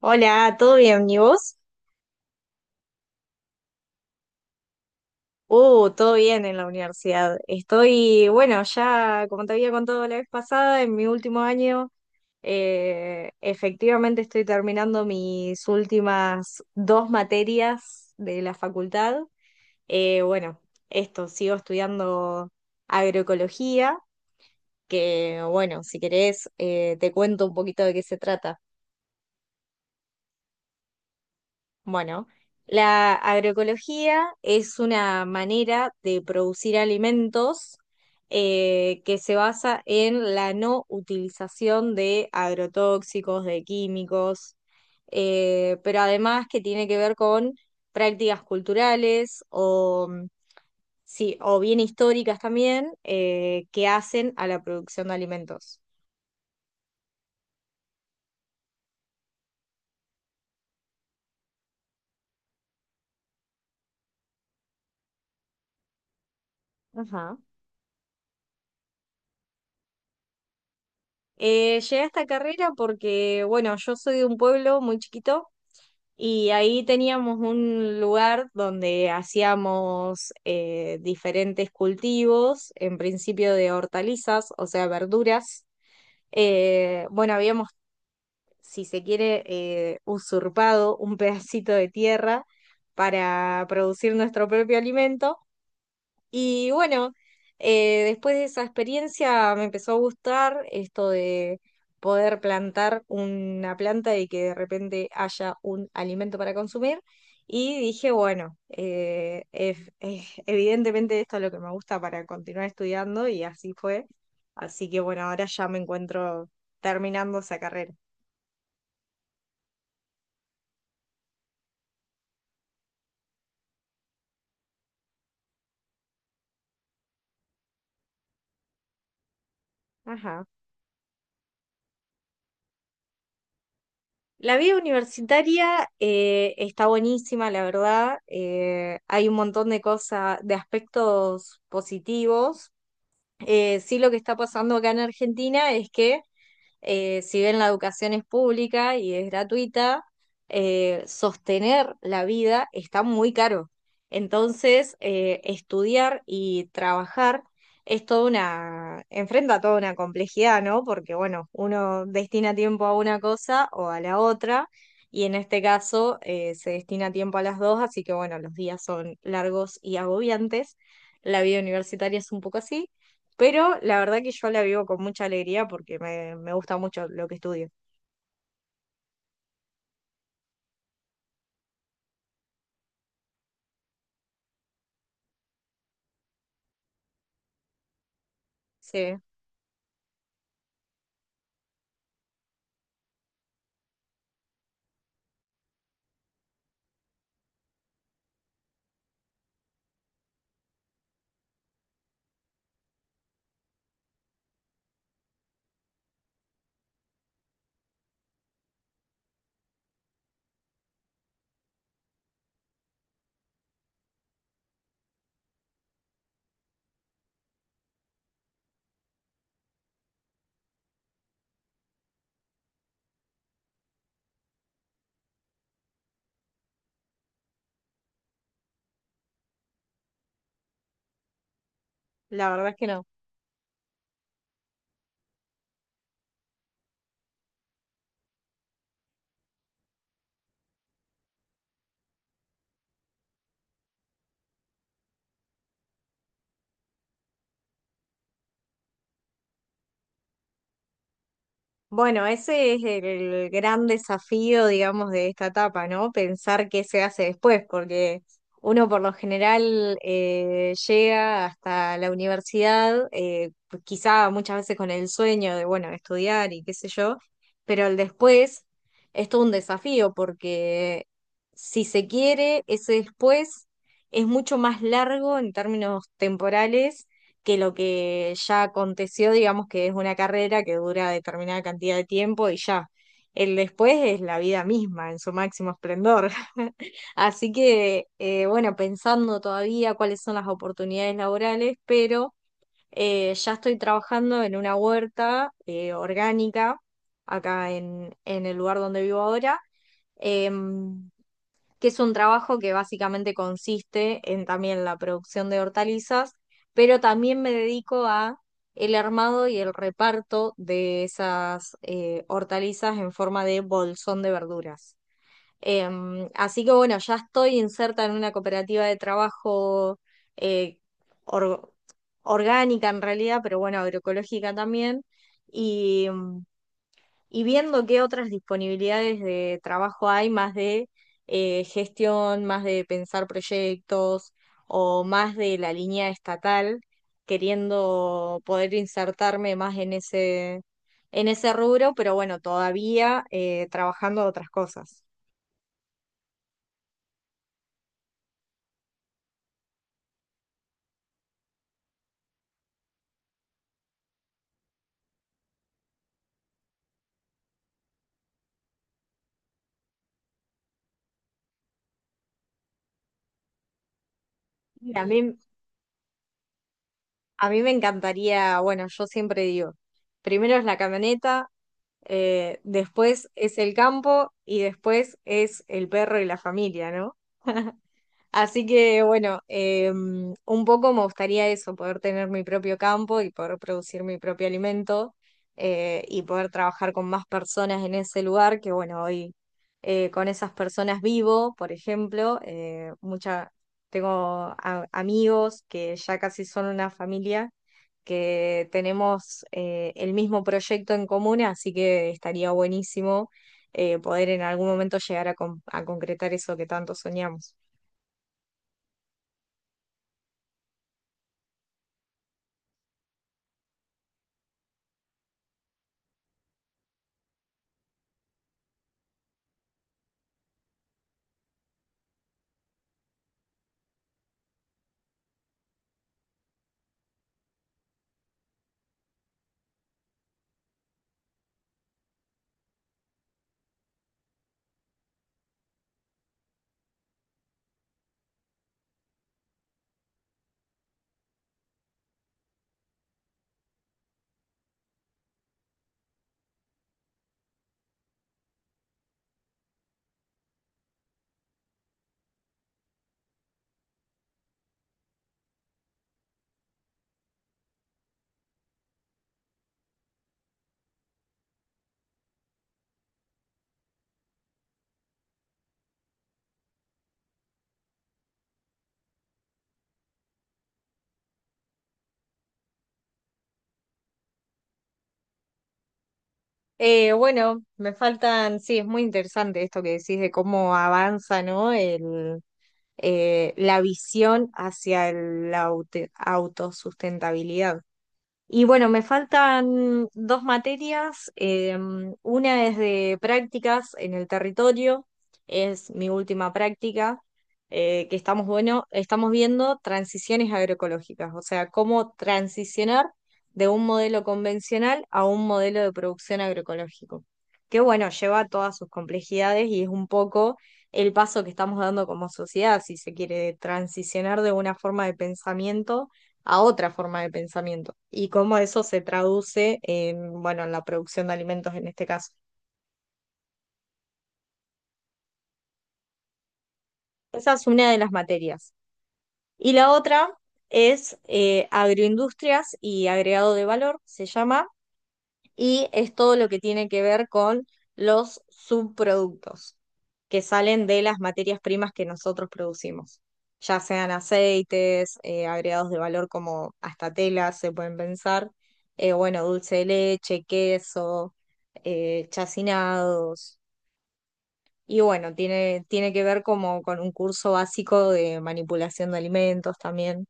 Hola, ¿todo bien? ¿Y vos? Todo bien en la universidad. Estoy, bueno, ya como te había contado la vez pasada, en mi último año, efectivamente estoy terminando mis últimas dos materias de la facultad. Eh, bueno, Sigo estudiando agroecología, que bueno, si querés, te cuento un poquito de qué se trata. Bueno, la agroecología es una manera de producir alimentos que se basa en la no utilización de agrotóxicos, de químicos, pero además que tiene que ver con prácticas culturales sí, o bien históricas también que hacen a la producción de alimentos. Ajá. Llegué a esta carrera porque, bueno, yo soy de un pueblo muy chiquito y ahí teníamos un lugar donde hacíamos diferentes cultivos, en principio de hortalizas, o sea, verduras. Bueno, Habíamos, si se quiere, usurpado un pedacito de tierra para producir nuestro propio alimento. Y bueno, después de esa experiencia me empezó a gustar esto de poder plantar una planta y que de repente haya un alimento para consumir. Y dije, bueno, evidentemente esto es lo que me gusta para continuar estudiando y así fue. Así que bueno, ahora ya me encuentro terminando esa carrera. Ajá. La vida universitaria está buenísima, la verdad. Hay un montón de cosas, de aspectos positivos. Sí, lo que está pasando acá en Argentina es que, si bien la educación es pública y es gratuita, sostener la vida está muy caro. Entonces, estudiar y trabajar es toda una, enfrenta toda una complejidad, ¿no? Porque, bueno, uno destina tiempo a una cosa o a la otra, y en este caso se destina tiempo a las dos, así que, bueno, los días son largos y agobiantes. La vida universitaria es un poco así. Pero la verdad que yo la vivo con mucha alegría porque me gusta mucho lo que estudio. Sí, la verdad es que no. Bueno, ese es el gran desafío, digamos, de esta etapa, ¿no? Pensar qué se hace después, porque uno por lo general llega hasta la universidad, pues quizá muchas veces con el sueño de, bueno, estudiar y qué sé yo, pero el después es todo un desafío, porque si se quiere, ese después es mucho más largo en términos temporales que lo que ya aconteció, digamos que es una carrera que dura determinada cantidad de tiempo y ya. El después es la vida misma en su máximo esplendor. Así que, bueno, pensando todavía cuáles son las oportunidades laborales, pero ya estoy trabajando en una huerta orgánica acá en el lugar donde vivo ahora. Em, que es un trabajo que básicamente consiste en también la producción de hortalizas, pero también me dedico a el armado y el reparto de esas hortalizas en forma de bolsón de verduras. Así que bueno, ya estoy inserta en una cooperativa de trabajo eh, or- orgánica en realidad, pero bueno, agroecológica también. Y em, y viendo qué otras disponibilidades de trabajo hay, más de gestión, más de pensar proyectos o más de la línea estatal, queriendo poder insertarme más en ese rubro, pero bueno, todavía trabajando de otras cosas. Y a mí, a mí me encantaría, bueno, yo siempre digo, primero es la camioneta. Después es el campo y después es el perro y la familia, ¿no? Así que bueno, un poco me gustaría eso, poder tener mi propio campo y poder producir mi propio alimento y poder trabajar con más personas en ese lugar, que bueno, hoy con esas personas vivo, por ejemplo, tengo amigos que ya casi son una familia, que tenemos el mismo proyecto en común, así que estaría buenísimo poder en algún momento llegar a concretar eso que tanto soñamos. Bueno, me faltan, sí, es muy interesante esto que decís de cómo avanza, ¿no? La visión hacia la autosustentabilidad. Y bueno, me faltan dos materias. Una es de prácticas en el territorio, es mi última práctica, que estamos, bueno, estamos viendo transiciones agroecológicas, o sea, cómo transicionar de un modelo convencional a un modelo de producción agroecológico. Que bueno, lleva todas sus complejidades y es un poco el paso que estamos dando como sociedad, si se quiere, de transicionar de una forma de pensamiento a otra forma de pensamiento y cómo eso se traduce en, bueno, en la producción de alimentos en este caso. Esa es una de las materias. Y la otra es agroindustrias y agregado de valor, se llama. Y es todo lo que tiene que ver con los subproductos que salen de las materias primas que nosotros producimos, ya sean aceites, agregados de valor como hasta telas se pueden pensar, bueno, dulce de leche, queso, chacinados, y bueno, tiene que ver como con un curso básico de manipulación de alimentos también.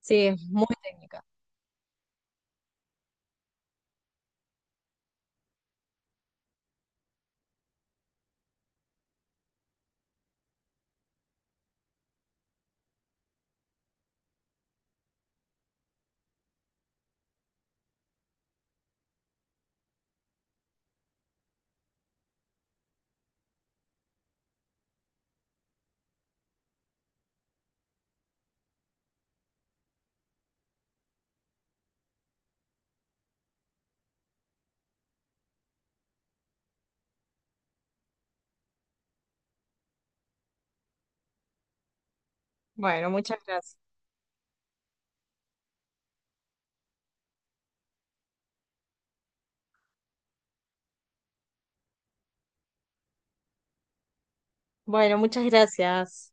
Sí, es muy técnica. Bueno, muchas gracias. Bueno, muchas gracias.